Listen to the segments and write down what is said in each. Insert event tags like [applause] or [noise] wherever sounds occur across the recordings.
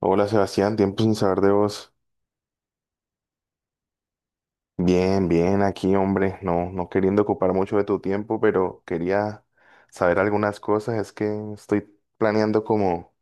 Hola Sebastián, tiempo sin saber de vos. Bien, bien, aquí hombre, no queriendo ocupar mucho de tu tiempo, pero quería saber algunas cosas. Es que estoy planeando como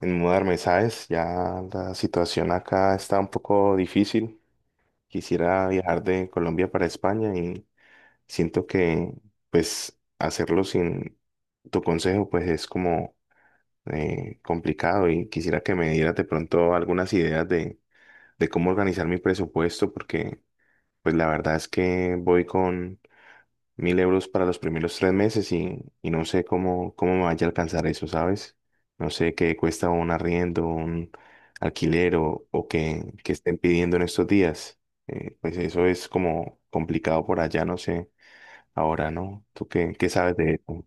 en mudarme, ¿sabes? Ya la situación acá está un poco difícil. Quisiera viajar de Colombia para España y siento que pues hacerlo sin tu consejo pues es como complicado y quisiera que me dieras de pronto algunas ideas de cómo organizar mi presupuesto porque pues la verdad es que voy con 1000 € para los primeros 3 meses y, no sé cómo, cómo me vaya a alcanzar eso, ¿sabes? No sé qué cuesta un arriendo, un alquiler o qué, qué estén pidiendo en estos días. Pues eso es como complicado por allá, no sé. Ahora, ¿no? ¿Tú qué, qué sabes de eso?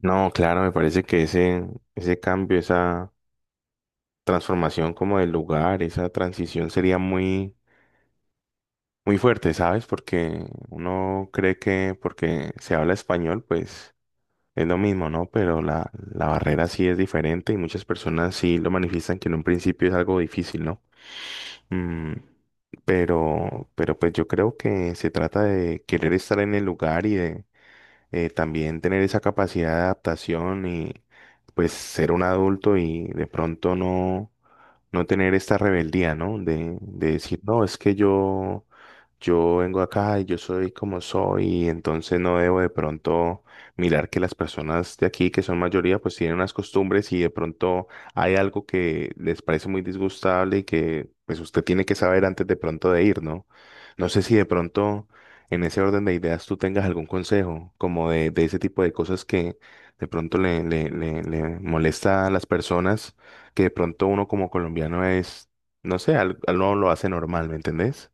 No, claro, me parece que ese cambio, esa transformación como del lugar, esa transición sería muy fuerte, ¿sabes? Porque uno cree que porque se habla español, pues es lo mismo, ¿no? Pero la barrera sí es diferente y muchas personas sí lo manifiestan que en un principio es algo difícil, ¿no? Mm, pero pues yo creo que se trata de querer estar en el lugar y de también tener esa capacidad de adaptación y pues ser un adulto y de pronto no, no tener esta rebeldía, ¿no? De decir, no, es que yo vengo acá y yo soy como soy y entonces no debo de pronto mirar que las personas de aquí, que son mayoría, pues tienen unas costumbres y de pronto hay algo que les parece muy disgustable y que pues usted tiene que saber antes de pronto de ir, ¿no? No sé si de pronto en ese orden de ideas tú tengas algún consejo, como de ese tipo de cosas que de pronto le molesta a las personas, que de pronto uno como colombiano es, no sé, no lo hace normal, ¿me entendés?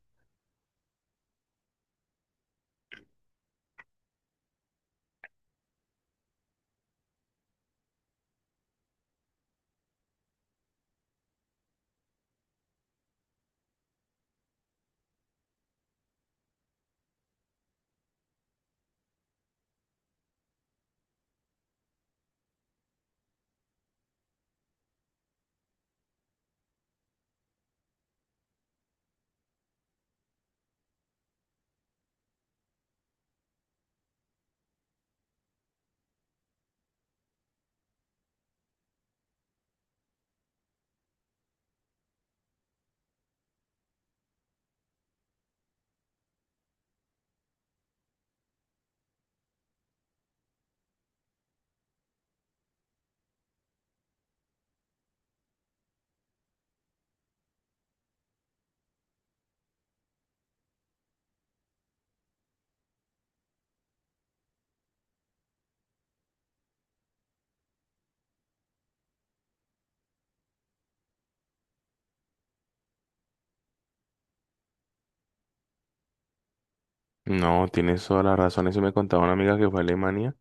No, tienes toda la razón. Eso me contaba una amiga que fue a Alemania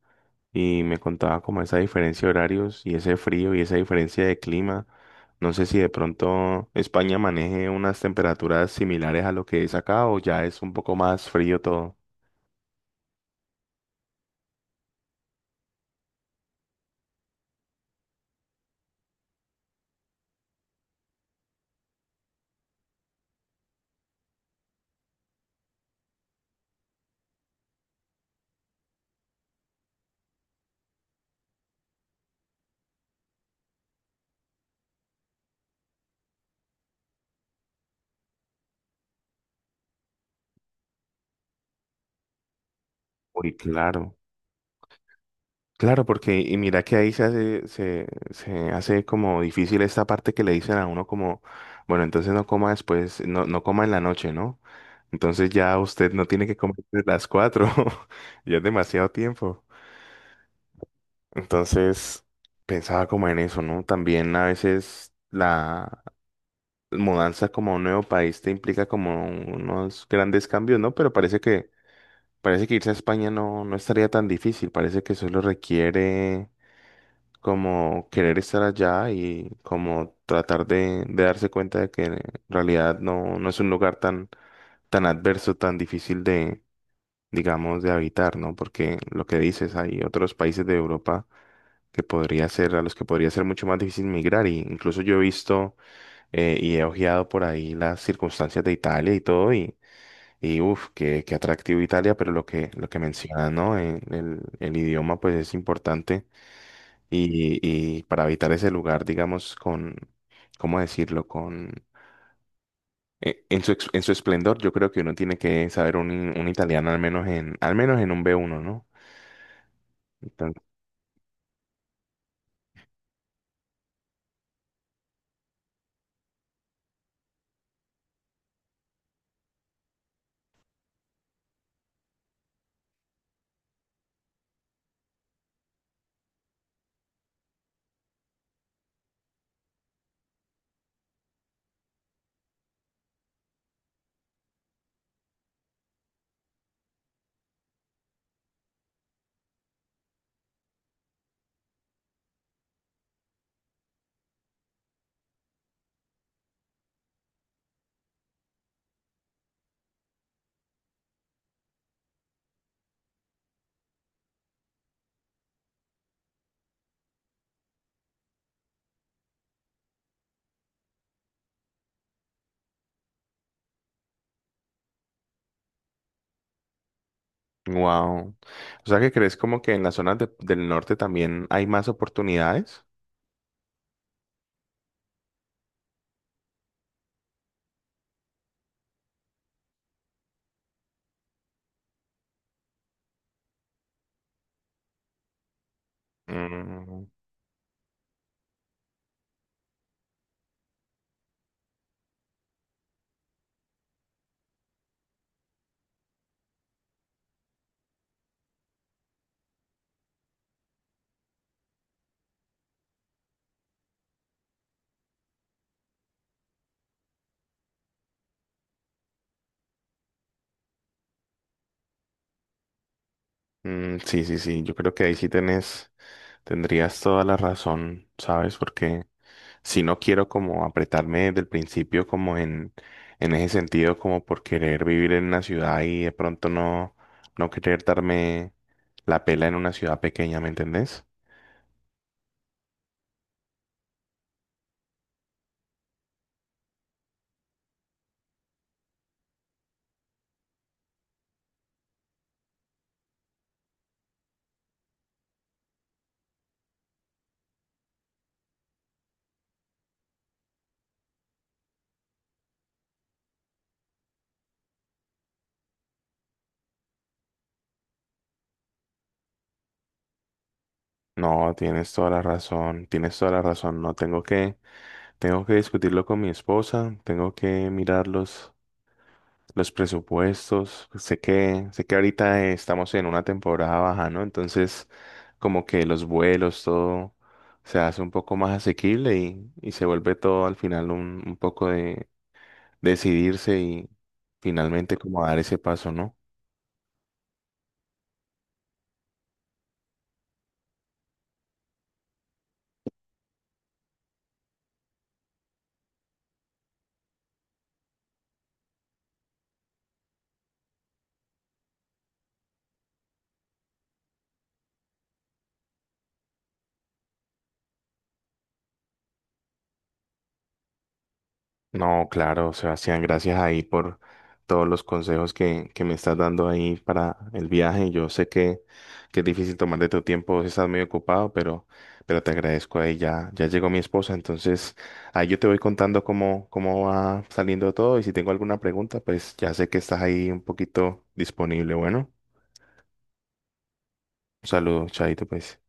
y me contaba como esa diferencia de horarios y ese frío y esa diferencia de clima. No sé si de pronto España maneje unas temperaturas similares a lo que es acá o ya es un poco más frío todo. Uy, claro. Claro, porque y mira que ahí se hace, se hace como difícil esta parte que le dicen a uno como, bueno, entonces no coma después, no, no coma en la noche, ¿no? Entonces ya usted no tiene que comer [laughs] desde las 4, [laughs] ya es demasiado tiempo. Entonces pensaba como en eso, ¿no? También a veces la mudanza como a un nuevo país te implica como unos grandes cambios, ¿no? Pero parece que irse a España no, no estaría tan difícil, parece que solo requiere como querer estar allá y como tratar de darse cuenta de que en realidad no, no es un lugar tan, tan adverso, tan difícil de, digamos, de habitar, ¿no? Porque lo que dices, hay otros países de Europa que podría ser, a los que podría ser mucho más difícil migrar. Y incluso yo he visto y he ojeado por ahí las circunstancias de Italia y todo, y uff, qué, qué atractivo Italia, pero lo que mencionas, ¿no? El idioma pues es importante y, y para habitar ese lugar, digamos, con, ¿cómo decirlo? Con, en su en su esplendor, yo creo que uno tiene que saber un italiano al menos en un B1, ¿no? Entonces, wow. O sea, ¿que crees como que en las zonas del norte también hay más oportunidades? Mm, mm, sí, sí, sí, yo creo que ahí sí tenés, tendrías toda la razón, ¿sabes? Porque si no quiero como apretarme desde el principio como en ese sentido, como por querer vivir en una ciudad y de pronto no, no querer darme la pela en una ciudad pequeña, ¿me entendés? No, tienes toda la razón, tienes toda la razón, no tengo que, tengo que discutirlo con mi esposa, tengo que mirarlos los presupuestos. Sé que ahorita estamos en una temporada baja, ¿no? Entonces, como que los vuelos, todo se hace un poco más asequible y se vuelve todo al final un poco de decidirse y finalmente como dar ese paso, ¿no? No, claro, Sebastián, gracias ahí por todos los consejos que me estás dando ahí para el viaje. Yo sé que es difícil tomar de tu tiempo, si estás muy ocupado, pero te agradezco ahí. Ya, ya llegó mi esposa, entonces ahí yo te voy contando cómo, cómo va saliendo todo y si tengo alguna pregunta, pues ya sé que estás ahí un poquito disponible. Bueno, un saludo, chaito, pues.